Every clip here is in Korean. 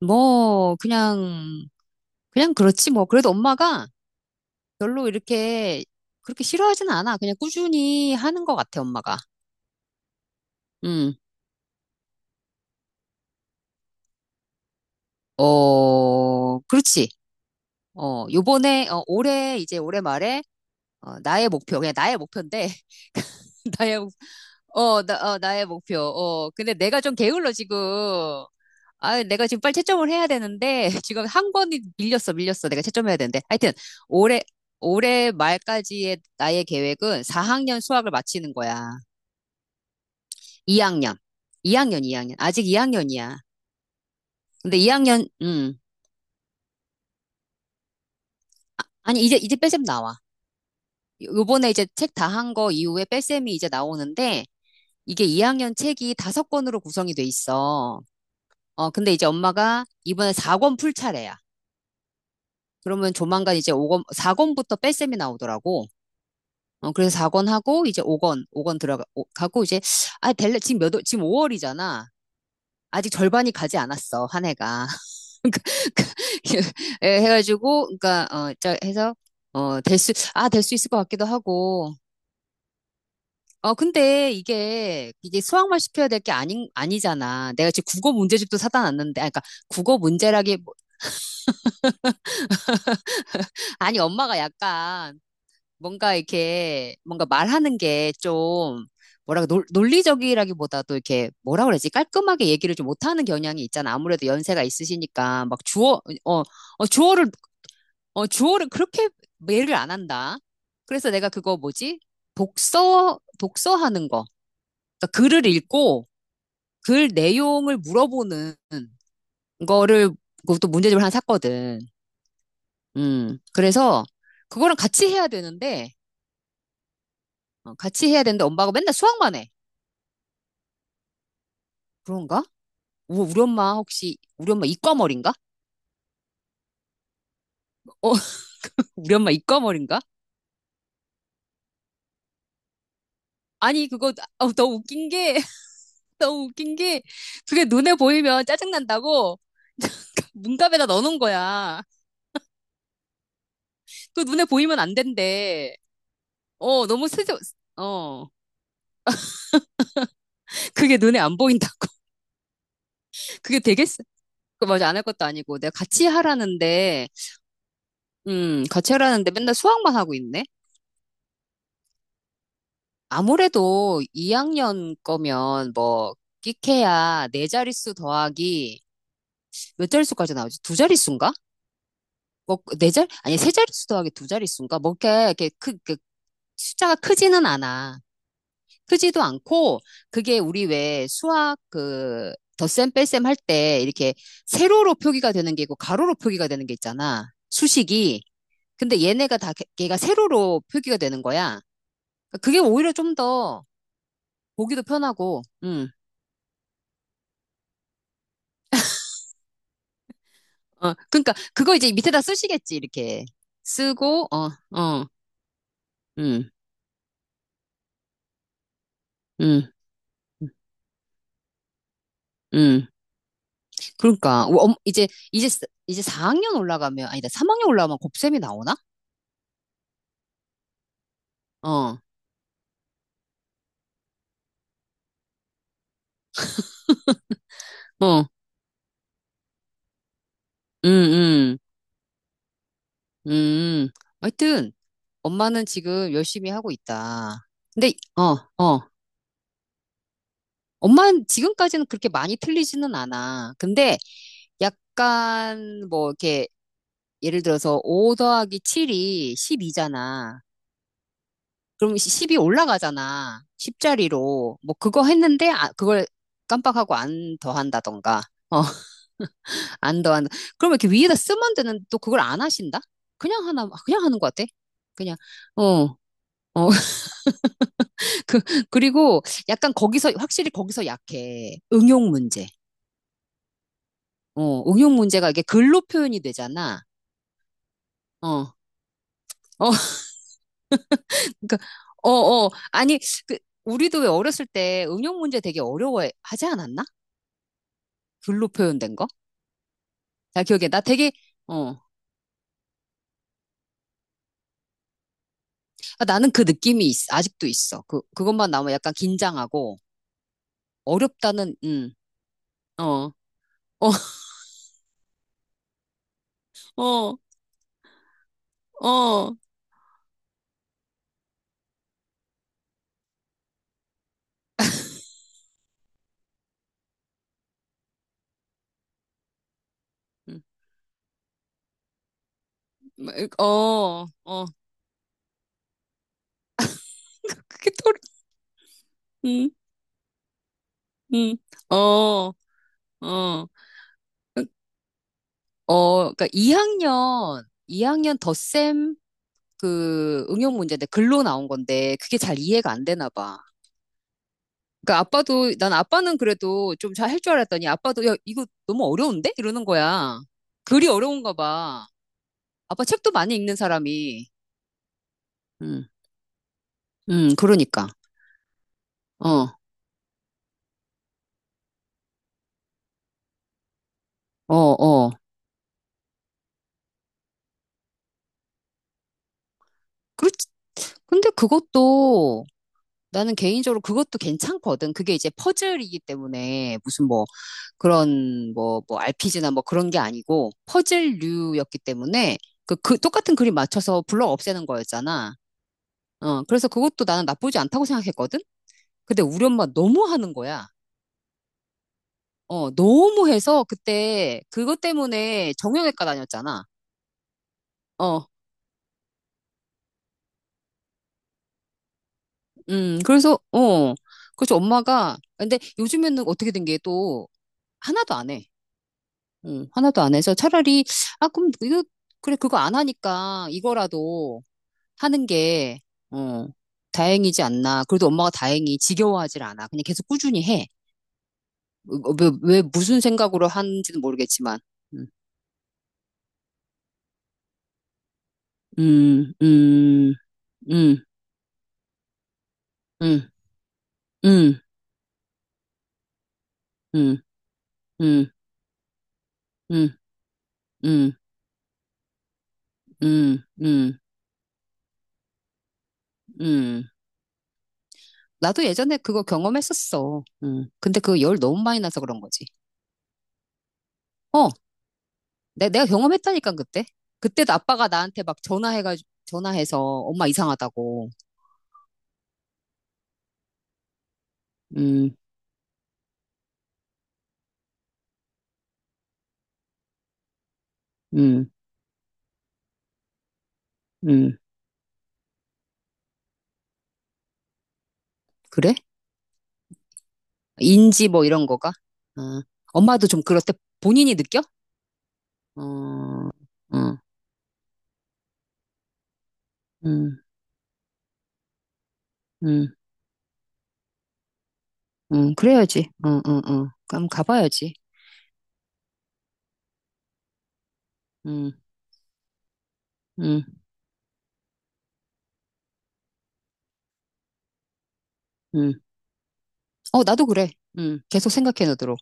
뭐, 그냥 그렇지 뭐. 그래도 엄마가 별로 이렇게 그렇게 싫어하진 않아. 그냥 꾸준히 하는 것 같아, 엄마가. 음. 그렇지. 이제 올해 말에, 나의 목표, 그냥 나의 목표인데, 나의, 목- 어, 나, 어, 나의 목표. 근데 내가 좀 게을러, 지금. 아, 내가 지금 빨리 채점을 해야 되는데, 지금 한 권이 밀렸어. 내가 채점해야 되는데. 하여튼, 올해, 올해 말까지의 나의 계획은 4학년 수학을 마치는 거야. 2학년. 2학년, 2학년. 아직 2학년이야. 근데 2학년, 아니, 이제 뺄셈 나와. 요번에 이제 책 다 한 거 이후에 뺄셈이 이제 나오는데, 이게 2학년 책이 5권으로 구성이 돼 있어. 근데 이제 엄마가 이번에 4권 풀 차례야. 그러면 조만간 이제 오권 4권부터 뺄셈이 나오더라고. 그래서 4권 하고, 이제 5권, 오 권 들어가, 가고, 이제, 아, 될래, 지금 5월이잖아. 아직 절반이 가지 않았어, 한 해가. 예, 해가지고, 그러니까, 어, 자, 해서, 될 수 있을 것 같기도 하고. 근데 이게 수학만 시켜야 될 게 아니, 아니잖아. 내가 지금 국어 문제집도 사다 놨는데, 아, 그러니까 국어 문제라기, 아니, 엄마가 약간, 뭔가 이렇게 뭔가 말하는 게 좀 뭐라고 논리적이라기보다도 이렇게 뭐라 그러지 깔끔하게 얘기를 좀 못하는 경향이 있잖아. 아무래도 연세가 있으시니까 막 주어 어 주어를 주어를 그렇게 매를 안 한다. 그래서 내가 그거 뭐지 독서하는 거 그러니까 글을 읽고 글 내용을 물어보는 거를 그것도 문제집을 하나 샀거든. 그래서 그거랑 같이 해야 되는데 엄마가 맨날 수학만 해. 그런가? 우리 엄마 혹시 우리 엄마 이과머리인가? 어, 우리 엄마 이과머리인가? 아니 너무 웃긴 게 너무 웃긴 게 그게 눈에 보이면 짜증난다고 문갑에다 넣어놓은 거야. 그 눈에 보이면 안 된대. 어 너무 스저 어 그게 눈에 안 보인다고. 그게 되겠어? 그 맞아 안 할 것도 아니고 내가 같이 하라는데 맨날 수학만 하고 있네. 아무래도 2학년 거면 뭐 끼케야 네 자릿수 더하기 몇 자릿수까지 나오지? 두 자릿수인가? 뭐, 네 자, 아니, 세 자릿수 더하기 두 자릿수인가? 뭐, 이렇게 숫자가 크지는 않아. 크지도 않고, 그게 우리 왜 수학 그, 덧셈 뺄셈 할 때 이렇게 세로로 표기가 되는 게 있고, 가로로 표기가 되는 게 있잖아. 수식이. 근데 얘네가 걔가 세로로 표기가 되는 거야. 그러니까 그게 오히려 좀 더 보기도 편하고, 그러니까 그거 이제 밑에다 쓰시겠지, 이렇게. 쓰고, 어, 음, 음. 음. 음. 그러니까 이제 이제 4학년 올라가면 아니다 3학년 올라가면 곱셈이 나오나? 어, 어, 음, 음, 음. 하여튼 엄마는 지금 열심히 하고 있다. 근데 어, 어. 엄마는 지금까지는 그렇게 많이 틀리지는 않아. 근데 약간 뭐 이렇게 예를 들어서 5 더하기 7이 12잖아. 그럼 10이 올라가잖아. 10자리로. 뭐 그거 했는데 아, 그걸 깜빡하고 안 더한다던가. 어. 안 더 그러면 이렇게 위에다 쓰면 되는, 또 그걸 안 하신다? 그냥 하는 것 같아. 그냥, 어, 어, 그, 그리고 약간 거기서, 확실히 거기서 약해. 응용 문제. 응용 문제가 이게 글로 표현이 되잖아. 어, 어, 그니까, 어, 어. 아니, 그, 우리도 왜 어렸을 때 응용 문제 되게 어려워하지 않았나? 글로 표현된 거? 잘 기억해. 나 되게, 어, 아, 나는 그 느낌이 아직도 있어. 그것만 나오면 약간 긴장하고, 어렵다는, 어. 어, 어, 어, 음, 어, 어, 그게 또, 음, 음, 어, 어, 어, 그러니까 2학년 덧셈 그 응용 문제인데 글로 나온 건데 그게 잘 이해가 안 되나 봐. 그러니까 아빠도 난 아빠는 그래도 좀 잘 할 줄 알았더니 아빠도 야 이거 너무 어려운데 이러는 거야. 글이 어려운가 봐. 아빠 책도 많이 읽는 사람이. 음, 그러니까. 어, 어, 어. 그렇지. 근데 그것도 나는 개인적으로 그것도 괜찮거든. 그게 이제 퍼즐이기 때문에 무슨 뭐 그런 뭐 RPG나 뭐 그런 게 아니고 퍼즐류였기 때문에 그 똑같은 그림 맞춰서 블럭 없애는 거였잖아. 그래서 그것도 나는 나쁘지 않다고 생각했거든? 근데 우리 엄마 너무 하는 거야. 너무 해서 그때 그것 때문에 정형외과 다녔잖아. 어, 그래서, 어, 그래서 엄마가, 근데 요즘에는 어떻게 된 게 또 하나도 안 해. 하나도 안 해서 차라리, 아, 그럼 이거, 그래, 그거 안 하니까 이거라도 하는 게, 어, 다행이지 않나. 그래도 엄마가 다행히 지겨워하질 않아. 그냥 계속 꾸준히 해. 어, 왜 무슨 생각으로 하는지는 모르겠지만. 음, 음, 음, 음, 음, 음, 음, 음, 음, 음, 음, 음. 음. 나도 예전에 그거 경험했었어. 음. 근데 그 열 너무 많이 나서 그런 거지. 어, 내가 경험했다니까, 그때. 그때도 아빠가 나한테 막 전화해가 전화해서 엄마 이상하다고. 음, 음, 음. 그래? 인지 뭐 이런 거가? 어. 엄마도 좀 그렇대. 본인이 느껴? 어, 어, 음, 음, 그래야지. 어, 어, 어. 그럼 가봐야지. 음, 음, 음. 어, 나도 그래. 계속 생각해 놓도록.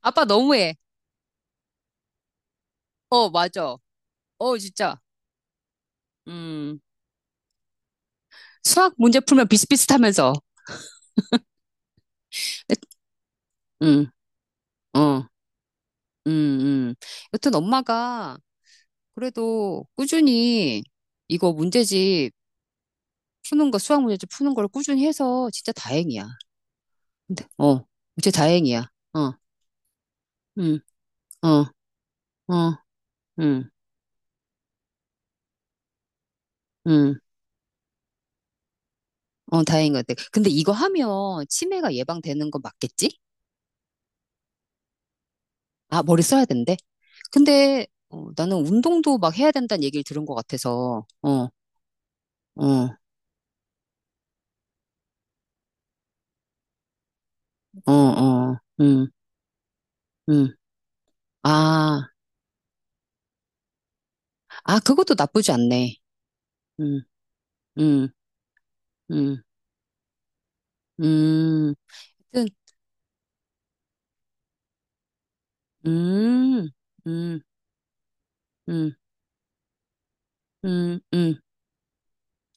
아빠 너무해. 어, 맞아. 어, 진짜. 음. 수학 문제 풀면 비슷비슷하면서. 음, 어. 음, 음. 여튼 엄마가 그래도 꾸준히 이거 문제집 수학 문제집 푸는 걸 꾸준히 해서 진짜 다행이야. 근데, 어, 진짜 다행이야. 어, 음, 어, 어, 음, 음, 어, 다행인 것 같아. 근데 이거 하면 치매가 예방되는 거 맞겠지? 아, 머리 써야 된대. 근데 어, 나는 운동도 막 해야 된다는 얘기를 들은 것 같아서, 어, 어, 어, 어, 음. 아, 아, 그것도 나쁘지 않네. 음, 음. 음, 음, 하여튼, 음, 음, 음, 음, 음.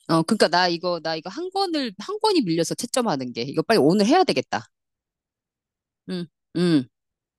어, 그러니까 나 이거 한 권이 밀려서 채점하는 게, 이거 빨리 오늘 해야 되겠다. 음, 음.